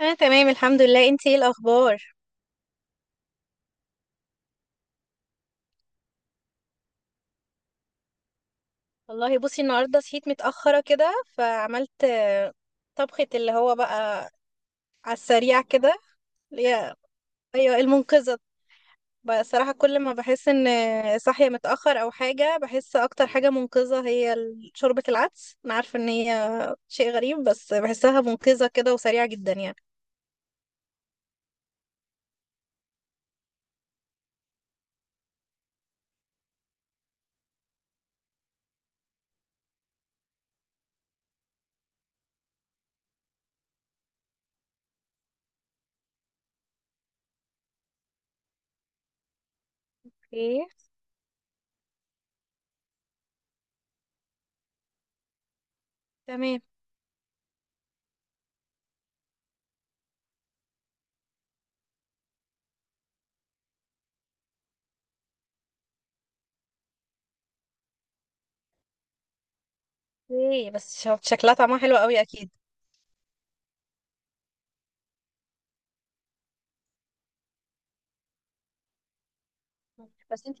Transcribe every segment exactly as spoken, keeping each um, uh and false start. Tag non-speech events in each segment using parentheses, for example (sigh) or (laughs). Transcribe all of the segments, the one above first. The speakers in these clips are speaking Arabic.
انا تمام، الحمد لله. انتي ايه الاخبار؟ والله بصي، النهارده صحيت متاخره كده فعملت آه، طبخه اللي هو بقى، على السريع كده. اللي هي- ايوه المنقذه. بصراحه كل ما بحس ان صاحيه متاخر او حاجه، بحس اكتر حاجه منقذه هي ال- شوربه العدس. انا عارفه ان هي شيء غريب بس بحسها منقذه كده وسريعه جدا يعني. ايه، تمام. ايه، بس شكلها طعمها حلو قوي اكيد. بس انت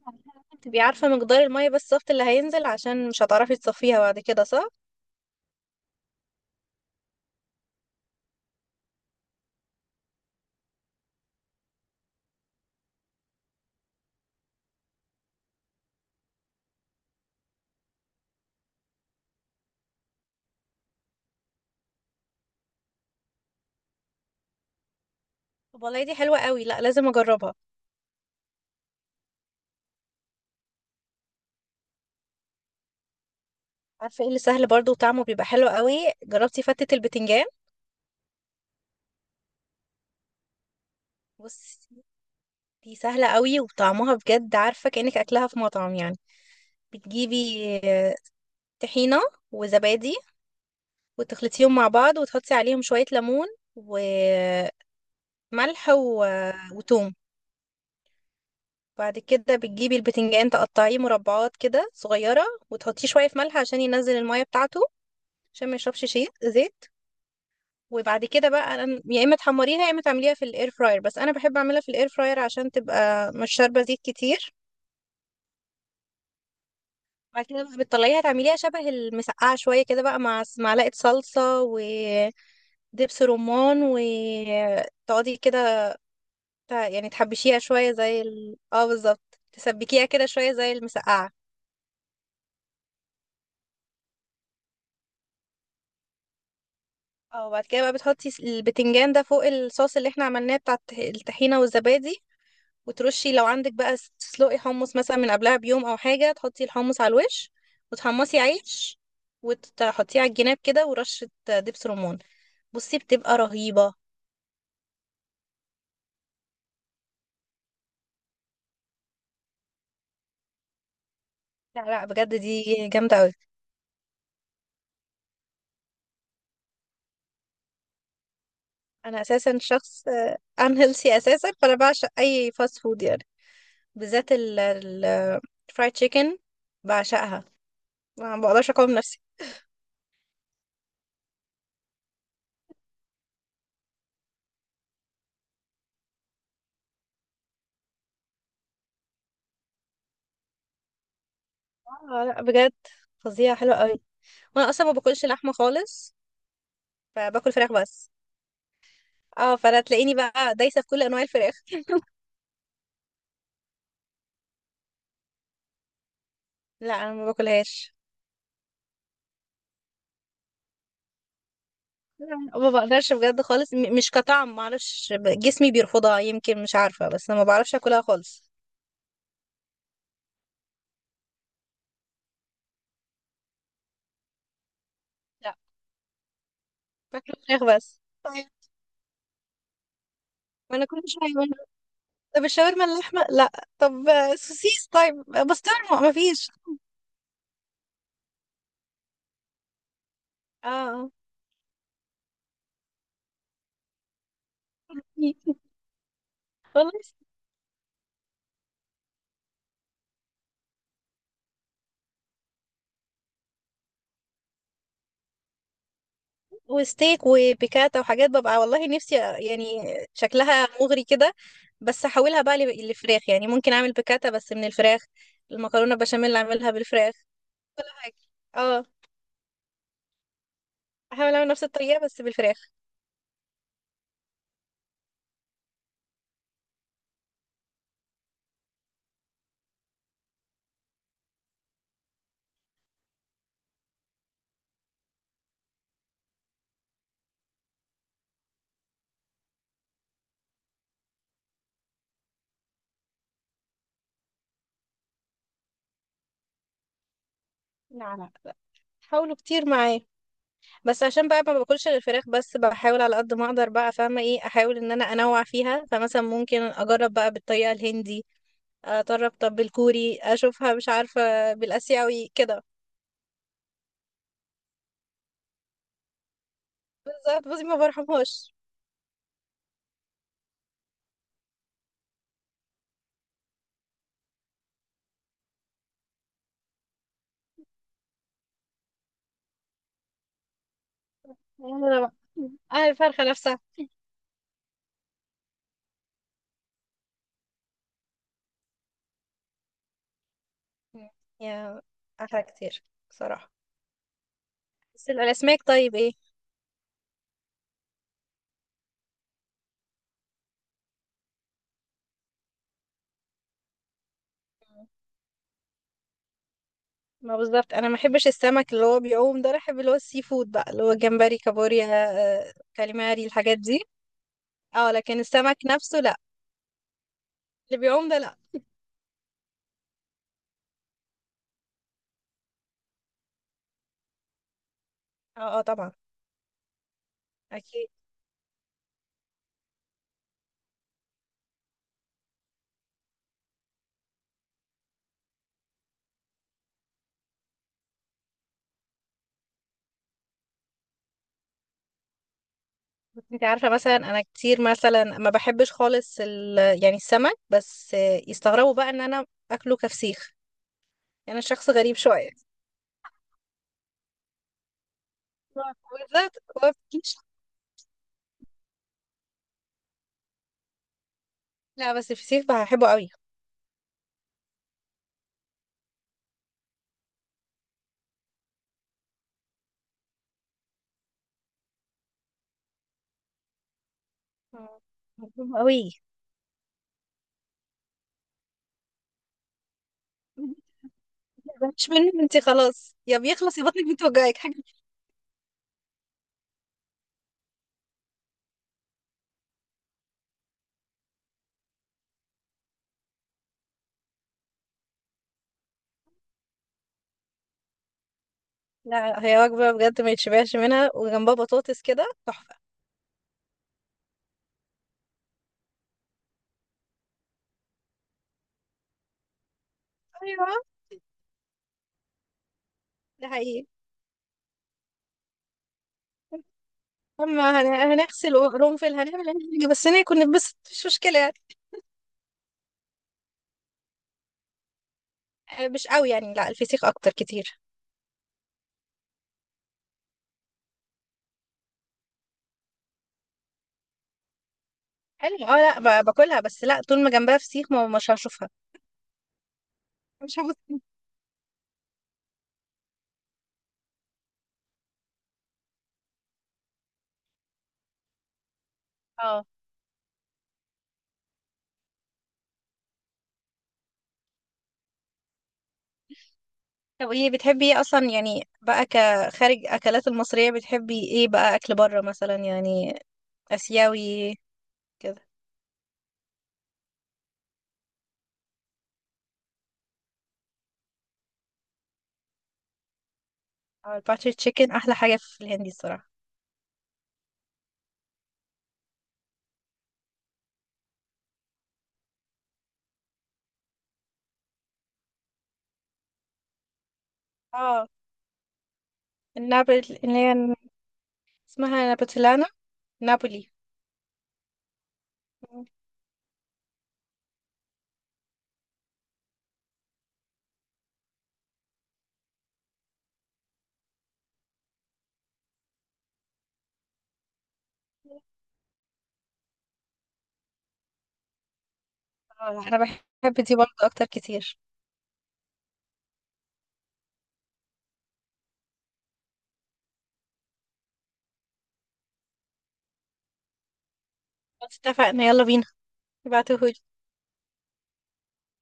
بتبقي عارفة مقدار المية، بس الصفت اللي هينزل عشان مش هتعرفي تصفيها بعد كده، صح؟ طب والله دي حلوة قوي، لا لازم اجربها. عارفة ايه اللي سهل برضو وطعمه بيبقى حلو قوي؟ جربتي فتة البتنجان؟ بصي، دي سهلة قوي وطعمها بجد عارفة كأنك اكلها في مطعم يعني. بتجيبي آه، طحينة وزبادي وتخلطيهم مع بعض وتحطي عليهم شوية ليمون وملح و... وتوم. بعد كده بتجيبي البتنجان تقطعيه مربعات كده صغيرة، وتحطيه شوية في ملح عشان ينزل المية بتاعته، عشان ما يشربش شيء زيت. وبعد كده بقى أنا- يا اما تحمريها يا اما تعمليها في الاير فراير، بس انا بحب اعملها في الاير فراير عشان تبقى مش شاربة زيت كتير. بعد كده بقى بتطلعيها تعمليها شبه المسقعة شوية كده بقى، مع س- معلقة صلصة ودبس رمان، وتقعدي كده تع- يعني تحبشيها شوية زي ال... اه، بالظبط تسبكيها كده شوية زي المسقعة. اه، وبعد كده بقى بتحطي س- البتنجان ده فوق الصوص اللي احنا عملناه بتاع الت- الطحينة والزبادي. وترشي لو عندك بقى، س- تسلقي حمص مثلا من قبلها بيوم او حاجة، تحطي الحمص على الوش، وتحمصي عيش وتحطيه على الجناب كده، ورشة دبس رمان. بصي بتبقى رهيبة. لا لا، بجد دي جامدة قوي. انا اساسا شخص (laughs) انهيلثي اساسا، فانا بعشق اي فاست فود يعني. بالذات الفرايد تشيكن، بعشقها. ما بقدرش اقاوم نفسي. اه، لا بجد فظيعة حلوة قوي. وانا اصلا ما باكلش لحمه خالص. فباكل فراخ بس. اه، فانا تلاقيني بقى دايسه في كل انواع الفراخ. لا، انا ما باكلهاش. ما بقدرش بجد خالص، م- مش كطعم، ما اعرفش، ب- جسمي بيرفضها يمكن، مش عارفه، بس انا ما بعرفش اكلها خالص. لا، باكل فراخ بس، طيب. وانا كل شويه بقول، طب الشاورما اللحمه لا، طب آه، سوسيس طيب، آه، بسطرمه ما فيش. اه (laughs) والله، وستيك وبيكاتا وحاجات ببقى والله نفسي يعني، شكلها مغري كده. بس احولها بقى ل- لفراخ يعني، ممكن اعمل بيكاتا بس من الفراخ، المكرونه بشاميل اعملها بالفراخ. اه، احاول اعمل نفس الطريقه بس بالفراخ. لا لا لا، حاولوا كتير معايا. بس عشان بقى ما باكلش غير الفراخ، بس بحاول على قد ما اقدر بقى، فاهمه ايه، احاول ان انا انوع فيها. فمثلا ممكن اجرب بقى بالطريقه الهندي، اجرب طب بالكوري، اشوفها مش عارفه بالاسيوي كده. بالظبط، بصي ما برحمهاش. انا بقى اه الفرخة نفسها. مم. يا، احلى كتير بصراحة. بس الاسماك طيب ايه؟ مم. ما بالظبط، انا ما بحبش السمك اللي هو بيعوم ده، انا بحب اللي هو السي فود بقى، اللي هو جمبري كابوريا، آه، كاليماري الحاجات دي. اه لكن السمك نفسه لا. اللي بيعوم ده لا. اه اه، طبعا. اكيد. بس انت عارفه مثلا، انا كتير مثلا ما بحبش خالص ال... يعني السمك بس، آه، يستغربوا بقى ان انا اكله كفسيخ. يعني انا شخص غريب شويه، بالذات. هو فسيخ- لا، بس الفسيخ بحبه قوي. آه، مظلوم قوي. ما مش منه، انت خلاص، يا بيخلص يا بطنك بتوجعك حاجه. لا، هي وجبه بجد ما يتشبعش منها، وجنبها بطاطس كده تحفه. ايوه، ده حقيقي. اما هن- هنغسل قرنفل، هنعمل اي حاجه، بس ناكل نتبسط مش مشكله يعني. آه، مش قوي يعني، لا الفسيخ اكتر كتير. حلو اه. لا ب- باكلها، بس لا طول ما جنبها فسيخ ما مش هشوفها. مش هبص. اه، طب ايه بتحبي ايه اصلا يعني بقى، كخارج اكلات المصريه بتحبي ايه بقى، اكل بره مثلا يعني، اسيوي كده؟ اه، الباتر تشيكن احلى حاجه في الهندي الصراحه. اه النابل اللي هي اسمها نابتلانا، نابولي. اه، انا بحب دي برضه اكتر كتير. خلاص اتفقنا، يلا بينا. ابعتهولي.